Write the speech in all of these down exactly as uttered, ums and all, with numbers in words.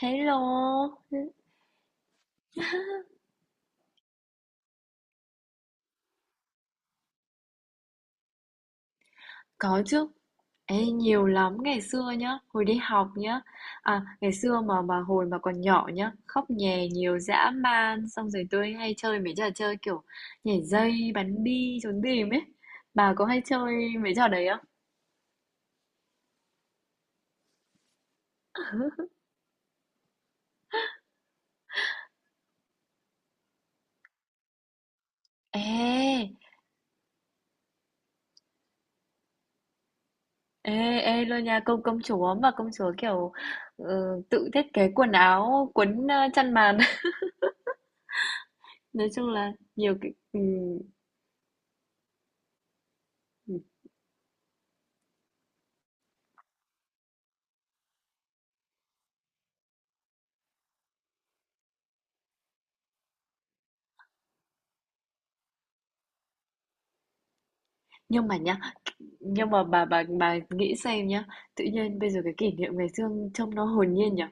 Hello, có chứ. Ê, nhiều lắm ngày xưa nhá, hồi đi học nhá. À, ngày xưa mà mà hồi mà còn nhỏ nhá, khóc nhè nhiều dã man, xong rồi tôi hay chơi mấy trò chơi kiểu nhảy dây, bắn bi, trốn tìm ấy. Bà có hay chơi mấy trò đấy không? Ê, ê, ê luôn nha, công công chúa mà công chúa kiểu ừ, tự thiết kế quần áo, quấn ờ, chăn màn. Nói chung là nhiều cái ừ, nhưng mà nhá nhưng mà bà bà bà nghĩ xem nhá, tự nhiên bây giờ cái kỷ niệm ngày xưa trông nó hồn nhiên nhở.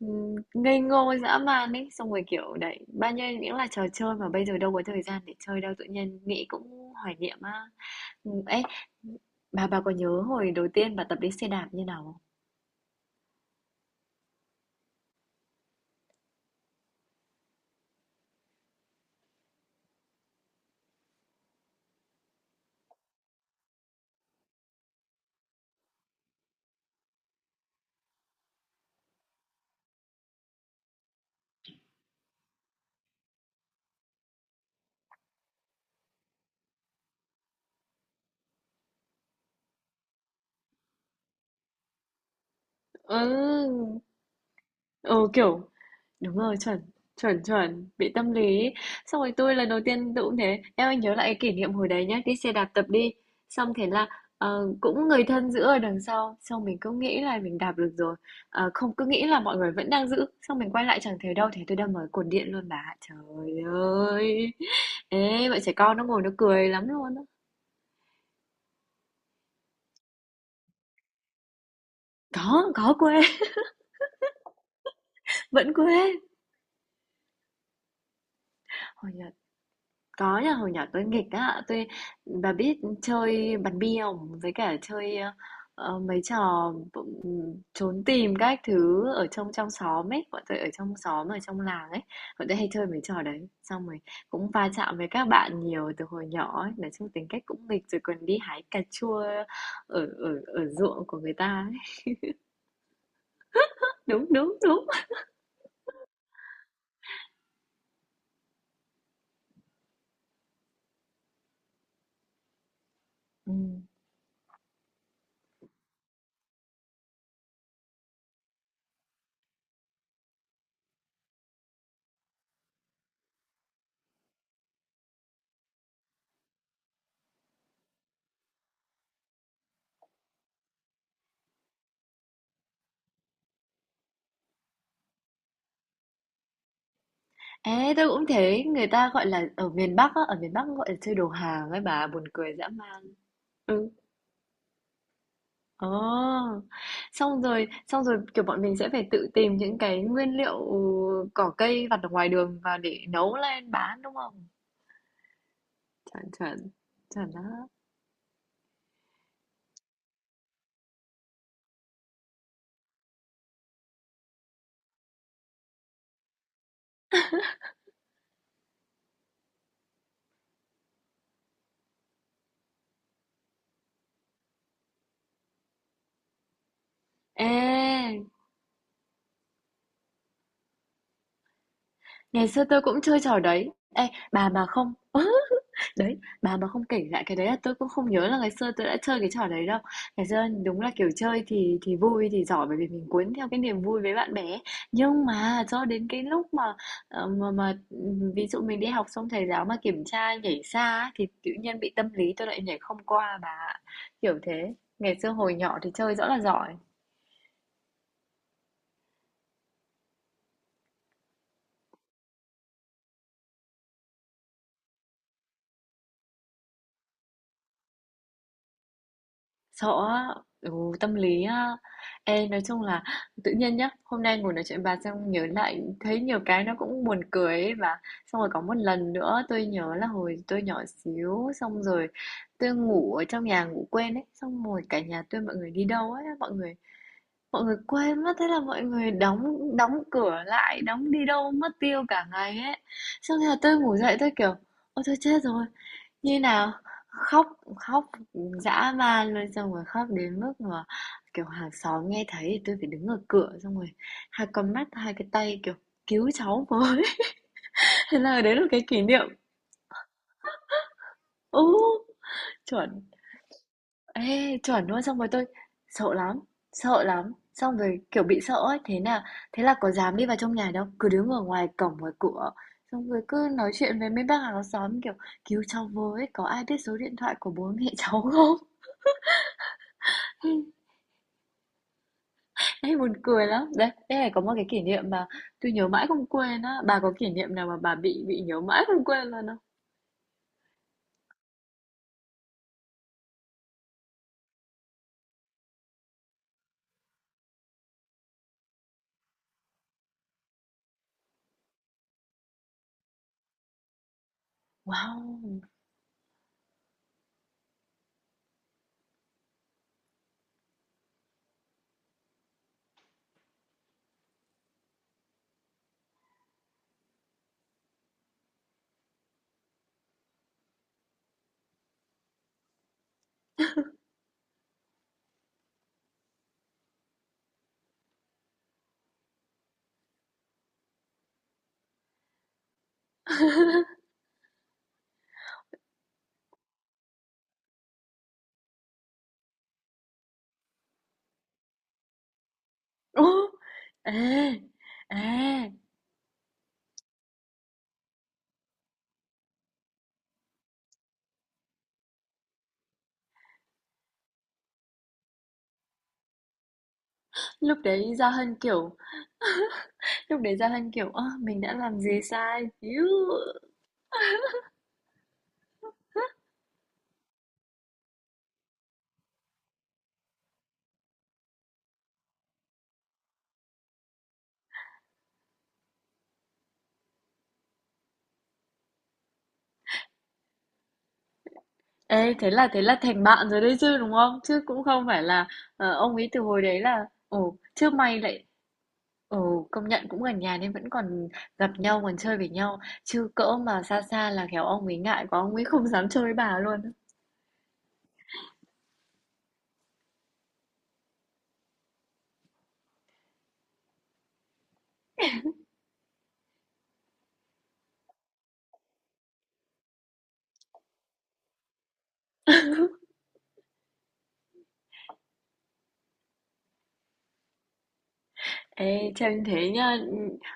Ừm, ngây ngô dã man ấy, xong rồi kiểu đấy bao nhiêu những là trò chơi mà bây giờ đâu có thời gian để chơi đâu, tự nhiên nghĩ cũng hoài niệm á. Ừm, ấy, bà bà có nhớ hồi đầu tiên bà tập đi xe đạp như nào không? Ừ, ừ, kiểu đúng rồi, chuẩn, chuẩn, chuẩn, bị tâm lý ấy. Xong rồi tôi lần đầu tiên tôi cũng thế. Em anh nhớ lại cái kỷ niệm hồi đấy nhá, đi xe đạp tập đi. Xong thế là ờ, cũng người thân giữ ở đằng sau, xong mình cứ nghĩ là mình đạp được rồi. Ờ, không, cứ nghĩ là mọi người vẫn đang giữ, xong mình quay lại chẳng thấy đâu, thế tôi đâm vào cột điện luôn bà. Trời ơi. Ê, bọn trẻ con nó ngồi nó cười lắm luôn á. Có, có quê, vẫn quê. Hồi nhỏ Có nha, hồi nhỏ tôi nghịch á, tôi bà biết chơi bắn bi không? Với cả chơi ờ, ờ, mấy trò bụng- trốn tìm các thứ ở trong trong xóm ấy, bọn tôi ở trong xóm ở trong làng ấy, bọn tôi hay chơi mấy trò đấy. Xong rồi cũng va chạm với các bạn nhiều từ hồi nhỏ ấy, nói chung tính cách cũng nghịch rồi còn đi hái cà chua ở ở ở ruộng của người ta ấy. Đúng, đúng, đúng. Ừ. Ê, tôi cũng thấy người ta gọi là ở miền Bắc á, ở miền Bắc gọi là chơi đồ hàng ấy bà, buồn cười dã man. Ừ. Ồ, xong rồi xong rồi, kiểu, bọn mình sẽ phải tự tìm những cái nguyên liệu cỏ cây vặt ở ngoài đường và để nấu lên bán, đúng không? Chuẩn, chuẩn, chuẩn đó. Ê, ngày xưa tôi cũng chơi trò đấy. Ê, bà mà không. Đấy, bà mà không kể lại cái đấy là tôi cũng không nhớ là ngày xưa tôi đã chơi cái trò đấy đâu. Ngày xưa đúng là, kiểu, chơi thì thì vui, thì giỏi bởi vì mình cuốn theo cái niềm vui với bạn bè. Nhưng mà cho đến cái lúc mà, ờ, mà mà, ví dụ mình đi học xong thầy giáo mà kiểm tra nhảy xa ấy, thì tự nhiên bị tâm lý tôi lại nhảy không qua bà ạ, kiểu thế. Ngày xưa hồi nhỏ thì chơi rõ là giỏi. Sợ á, ừ, tâm lý á. Ê, nói chung là tự nhiên nhá, hôm nay ngồi nói chuyện bà xong nhớ lại thấy nhiều cái nó cũng buồn cười ấy, và xong rồi có một lần nữa tôi nhớ là hồi tôi nhỏ xíu, xong rồi tôi ngủ ở trong nhà ngủ quên ấy, xong rồi cả nhà tôi mọi người đi đâu ấy, mọi người mọi người quên mất, thế là mọi người đóng đóng cửa lại, đóng đi đâu mất tiêu cả ngày ấy. Xong rồi tôi ngủ dậy tôi kiểu ôi tôi chết rồi như nào? Khóc, khóc dã man luôn, xong rồi khóc đến mức mà, kiểu, hàng xóm nghe thấy thì tôi phải đứng ở cửa, xong rồi hai con mắt, hai cái tay, kiểu, cứu cháu với. Thế là đấy là cái kỷ niệm, ừ, chuẩn. Ê, chuẩn luôn, xong rồi tôi sợ lắm, sợ lắm, xong rồi, kiểu, bị sợ ấy, thế nà thế là có dám đi vào trong nhà đâu, cứ đứng ở ngoài cổng, ngoài cửa, xong rồi cứ nói chuyện với mấy bác hàng xóm, kiểu, cứu cháu với, có ai biết số điện thoại của bố mẹ cháu không? Ê, buồn cười lắm đấy, đây này có một cái kỷ niệm mà tôi nhớ mãi không quên á, bà có kỷ niệm nào mà bà bị bị nhớ mãi không quên luôn không? Wow. Ồ, ê ê, lúc đấy Gia Hân kiểu lúc đấy Gia Hân kiểu ơ mình đã làm gì sai Iu. Ê, thế là thế là thành bạn rồi đấy chứ đúng không, chứ cũng không phải là ờ, ông ấy từ hồi đấy là ồ chứ mày lại. Ừ, công nhận cũng gần nhà nên vẫn còn gặp nhau, còn chơi với nhau. Chứ cỡ mà xa xa là khéo ông ấy ngại quá, ông ấy không dám chơi với bà luôn. Ê, chơi như thế nhá,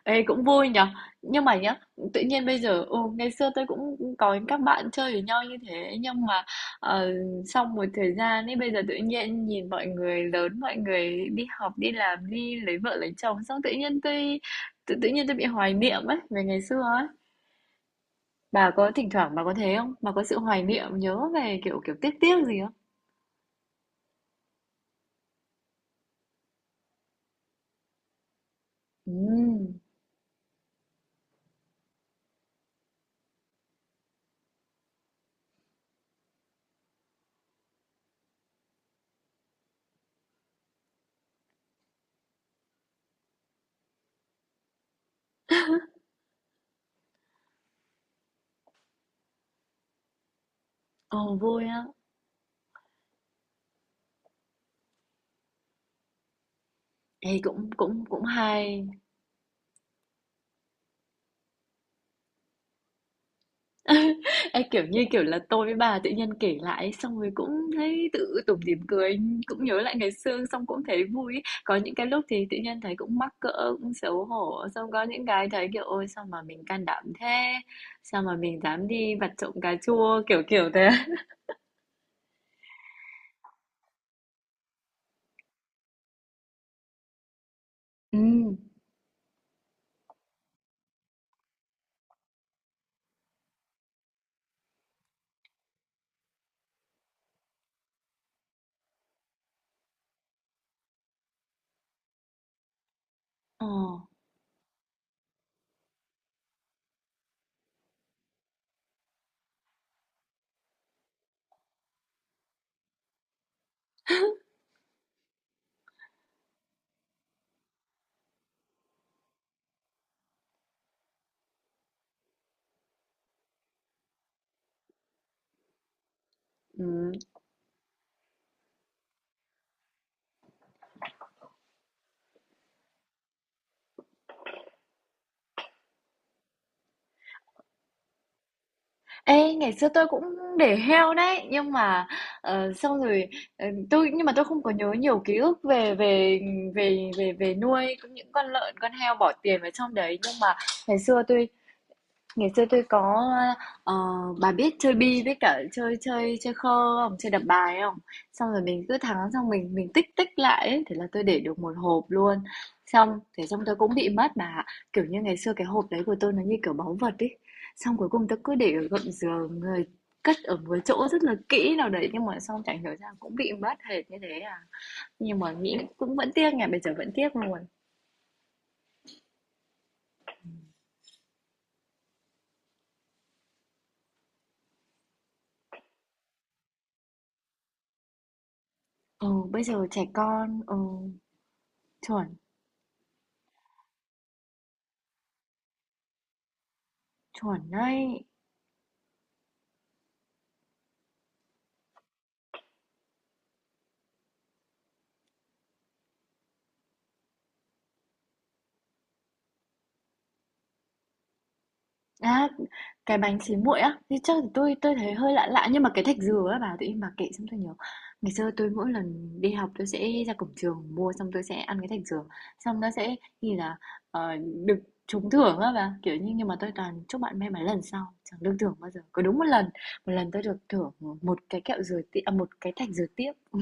ê cũng vui nhở. Nhưng mà nhá, tự nhiên bây giờ, ừ, ngày xưa tôi cũng có các bạn chơi với nhau như thế. Nhưng mà ờ, sau một thời gian ấy, bây giờ tự nhiên nhìn mọi người lớn, mọi người đi học, đi làm, đi lấy vợ, lấy chồng. Xong tự nhiên tôi, tự, tự nhiên tôi bị hoài niệm ấy, về ngày xưa ấy. Bà có thỉnh thoảng bà có thế không? Bà có sự hoài niệm nhớ về kiểu kiểu tiếc tiếc gì không? Ừm. Ồ vui á. Ê cũng cũng cũng hay. Ê kiểu như kiểu là tôi với bà tự nhiên kể lại xong rồi cũng thấy tự tủm tỉm cười, cũng nhớ lại ngày xưa xong cũng thấy vui. Có những cái lúc thì tự nhiên thấy cũng mắc cỡ, cũng xấu hổ, xong có những cái thấy kiểu ôi sao mà mình can đảm thế, sao mà mình dám đi vặt trộm cà chua kiểu kiểu thế. Ừ. Ồ. Ừ. Ê, ngày xưa tôi cũng để heo đấy nhưng mà ờ, xong rồi ờ, tôi nhưng mà tôi không có nhớ nhiều ký ức về về về về về nuôi cũng những con lợn con heo bỏ tiền vào trong đấy nhưng mà ngày xưa tôi ngày xưa tôi có, ờ, bà biết chơi bi với cả chơi chơi chơi khơ không? Chơi đập bài không? Xong rồi mình cứ thắng xong mình mình tích tích lại ấy. Thế là tôi để được một hộp luôn. Xong thế xong tôi cũng bị mất mà. Kiểu như ngày xưa cái hộp đấy của tôi nó như kiểu báu vật ý. Xong cuối cùng tôi cứ để ở gầm giường, người cất ở một chỗ rất là kỹ nào đấy nhưng mà xong chẳng hiểu ra cũng bị mất hệt như thế à. Nhưng mà nghĩ cũng vẫn tiếc nhỉ, bây giờ vẫn tiếc luôn. Ừ, bây giờ trẻ con, ừ, chuẩn, chuẩn đấy. À, cái bánh xí muội á, thì chắc là tui tui thấy hơi lạ lạ nhưng mà cái thạch dừa á bà tự nhiên bà kể xong tôi nhớ. Ngày xưa tôi mỗi lần đi học tôi sẽ ra cổng trường mua xong tôi sẽ ăn cái thạch dừa. Xong nó sẽ như là ờ, được trúng thưởng á bà, kiểu như nhưng mà tôi toàn chúc bạn may mắn lần sau chẳng được thưởng bao giờ. Có đúng một lần, một lần tôi được thưởng một cái kẹo dừa tiếp à, một cái thạch dừa tiếp. Ừ.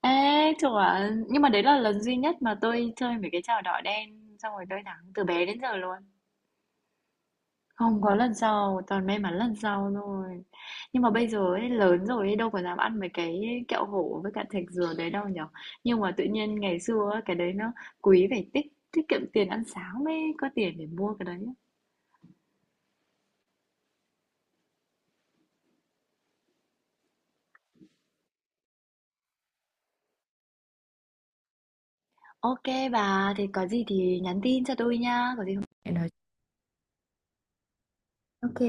Ê, chuẩn. Nhưng mà đấy là lần duy nhất mà tôi chơi mấy cái trò đỏ đen xong rồi tôi thắng từ bé đến giờ luôn. Không có lần sau, toàn may mắn lần sau thôi. Nhưng mà bây giờ ấy, lớn rồi ấy, đâu có dám ăn mấy cái kẹo hổ với cả thạch dừa đấy đâu nhở. Nhưng mà tự nhiên ngày xưa ấy, cái đấy nó quý phải tích tiết kiệm tiền ăn sáng mới có tiền để mua cái đấy. Ok bà, thì có gì thì nhắn tin cho tôi nha, có gì không? Hẹn nói. Ok.